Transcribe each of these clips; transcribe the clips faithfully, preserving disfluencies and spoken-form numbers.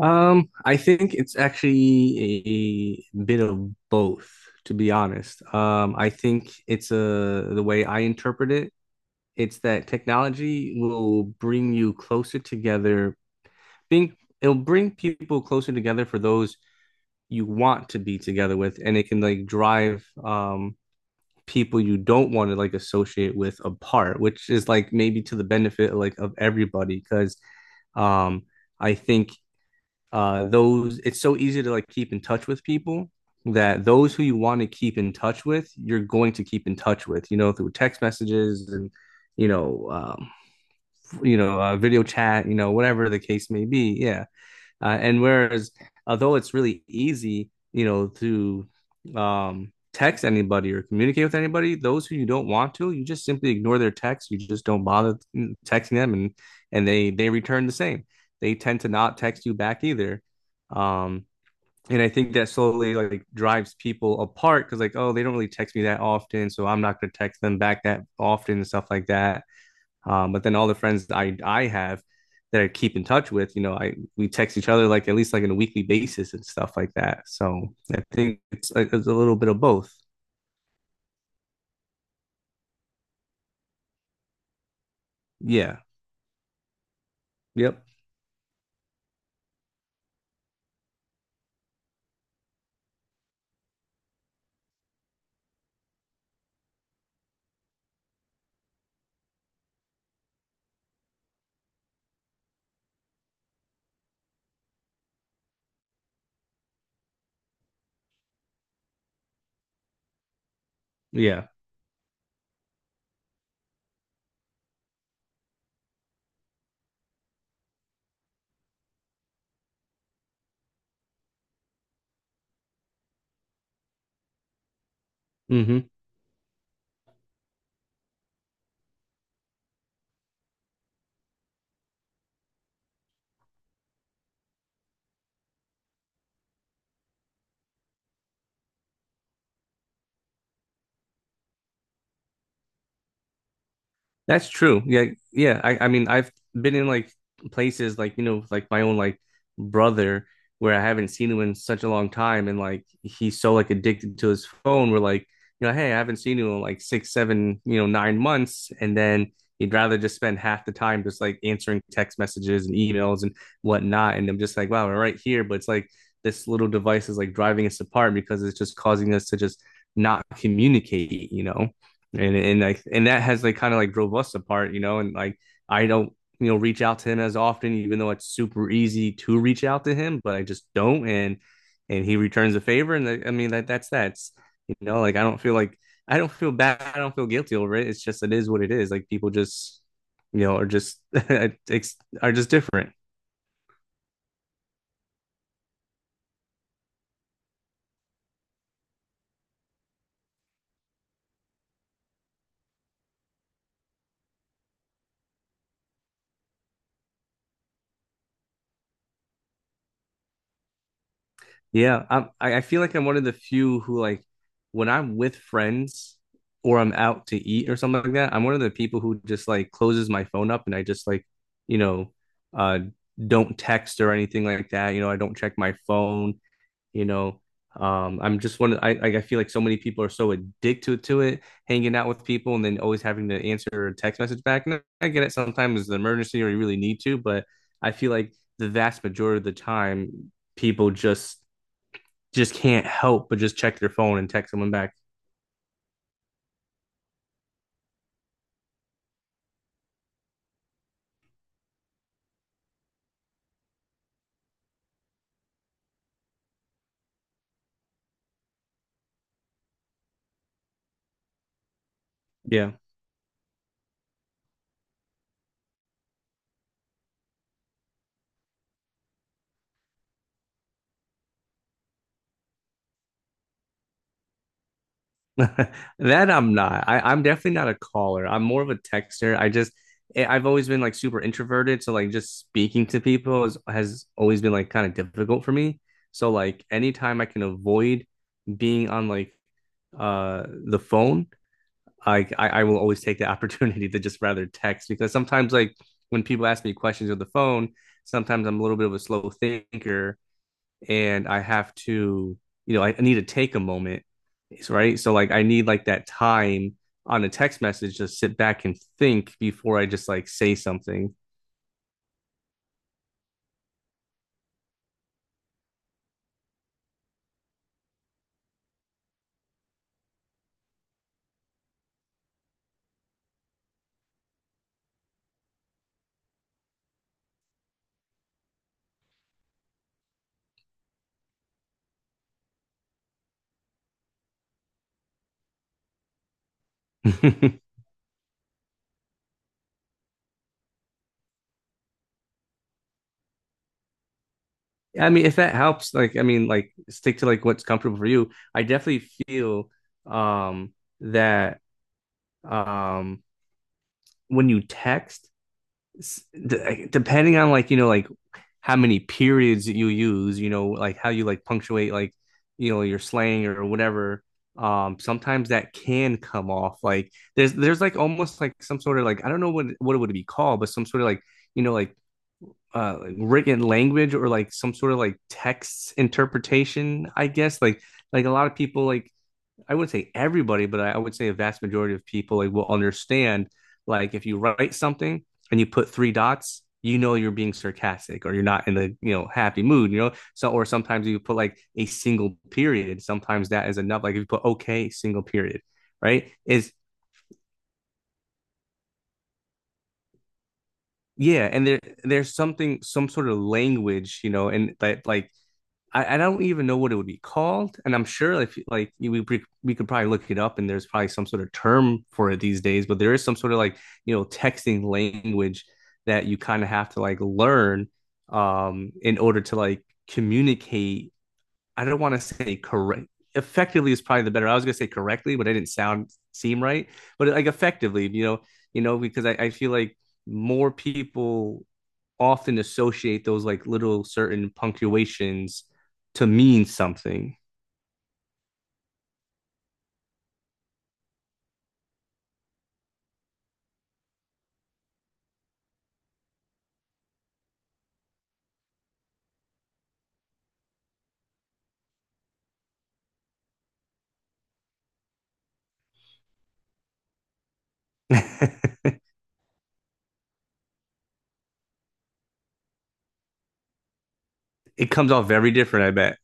Um, I think it's actually a bit of both, to be honest. Um, I think it's a the way I interpret it, it's that technology will bring you closer together, being it'll bring people closer together for those you want to be together with, and it can like drive um people you don't want to like associate with apart, which is like maybe to the benefit like of everybody, because um I think uh those it's so easy to like keep in touch with people that those who you want to keep in touch with you're going to keep in touch with you know through text messages and you know um you know uh, video chat you know whatever the case may be, yeah. Uh, and whereas, although it's really easy, you know, to um, text anybody or communicate with anybody, those who you don't want to, you just simply ignore their text. You just don't bother texting them, and and they they return the same. They tend to not text you back either. Um, and I think that slowly like drives people apart because like oh they don't really text me that often, so I'm not going to text them back that often and stuff like that. Um, but then all the friends I I have that I keep in touch with, you know, I we text each other like at least like on a weekly basis and stuff like that. So I think it's, it's a little bit of both. Yeah. Yep. Yeah. Mm-hmm. That's true. Yeah, yeah. I, I mean, I've been in like places like, you know, with, like my own like brother where I haven't seen him in such a long time, and like he's so like addicted to his phone. We're like, you know, hey, I haven't seen you in like six, seven, you know, nine months, and then he'd rather just spend half the time just like answering text messages and emails and whatnot. And I'm just like, wow, we're right here, but it's like this little device is like driving us apart because it's just causing us to just not communicate, you know? and and like and that has like kind of like drove us apart, you know. And like I don't you know reach out to him as often, even though it's super easy to reach out to him, but I just don't. And and he returns a favor, and I I mean that that's that's you know like I don't feel like I don't feel bad, I don't feel guilty over it. It's just it is what it is. Like people just you know are just are just different. Yeah, I'm, I I feel like I'm one of the few who like when I'm with friends or I'm out to eat or something like that, I'm one of the people who just like closes my phone up and I just like, you know, uh don't text or anything like that. You know, I don't check my phone, you know. Um, I'm just one of, I I I feel like so many people are so addicted to it, hanging out with people and then always having to answer a text message back. And I get it sometimes it's an emergency or you really need to, but I feel like the vast majority of the time people just just can't help but just check their phone and text someone back. Yeah. That I'm not. I, I'm definitely not a caller. I'm more of a texter. I just I- have always been like super introverted, so like just speaking to people is, has always been like kind of difficult for me. So like anytime I can avoid being on like uh the phone, I I, I will always take the opportunity to just rather text because sometimes like when people ask me questions on the phone, sometimes I'm a little bit of a slow thinker and I have to, you know, I, I need to take a moment, right? So like I need like that time on a text message to sit back and think before I just like say something. I mean, if that helps, like I mean, like stick to like what's comfortable for you. I definitely feel um that um when you text, d- depending on like you know like how many periods that you use, you know, like how you like punctuate like, you know, your slang or whatever. Um, sometimes that can come off like there's there's like almost like some sort of like I don't know what what it would be called, but some sort of like you know like uh like written language or like some sort of like text interpretation, I guess. Like like a lot of people like I wouldn't say everybody, but I, would say a vast majority of people like, will understand like if you write something and you put three dots, you know you're being sarcastic or you're not in the you know happy mood, you know. So or sometimes you put like a single period. Sometimes that is enough. Like if you put okay, single period, right? Is Yeah, and there there's something, some sort of language, you know, and that like I, I don't even know what it would be called, and I'm sure if like we we could probably look it up, and there's probably some sort of term for it these days. But there is some sort of like you know texting language that you kind of have to like learn um in order to like communicate. I don't want to say correct. Effectively is probably the better. I was gonna say correctly, but I didn't sound seem right. But like effectively, you know, you know, because I, I feel like more people often associate those like little certain punctuations to mean something. It comes off very different, I bet.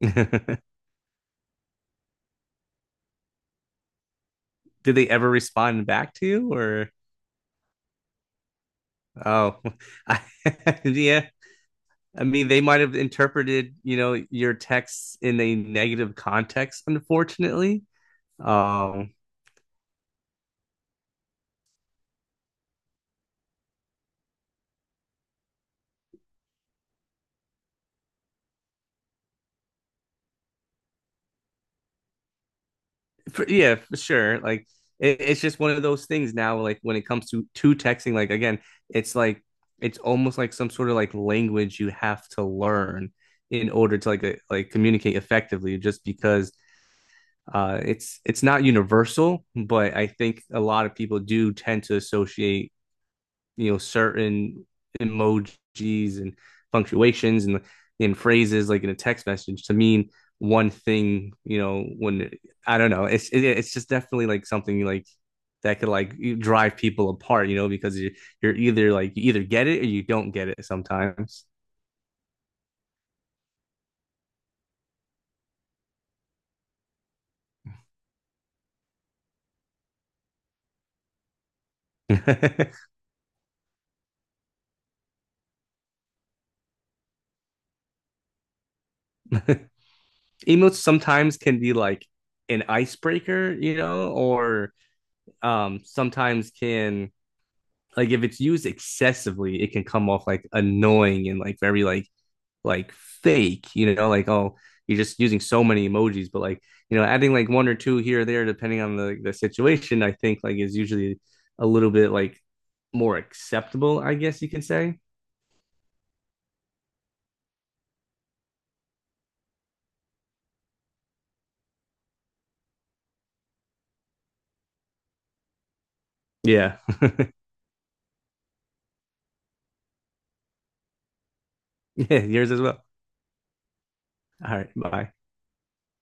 Did they ever respond back to you, or oh. I, yeah. I mean, they might have interpreted, you know, your texts in a negative context, unfortunately. Um for, yeah, for sure. Like it, it's just one of those things now. Like when it comes to to texting, like again, it's like it's almost like some sort of like language you have to learn in order to like uh, like communicate effectively. Just because uh, it's it's not universal, but I think a lot of people do tend to associate you know certain emojis and punctuations and in phrases like in a text message to mean one thing, you know when I don't know it's it, it's just definitely like something like that could like drive people apart, you know because you, you're either like you either get it or you don't get it sometimes. Emotes sometimes can be like an icebreaker, you know or um sometimes can like if it's used excessively it can come off like annoying and like very like like fake, you know, like oh you're just using so many emojis, but like you know, adding like one or two here or there depending on the the situation, I think like is usually a little bit like more acceptable, I guess you can say. Yeah. Yeah, yours as well. All right, bye.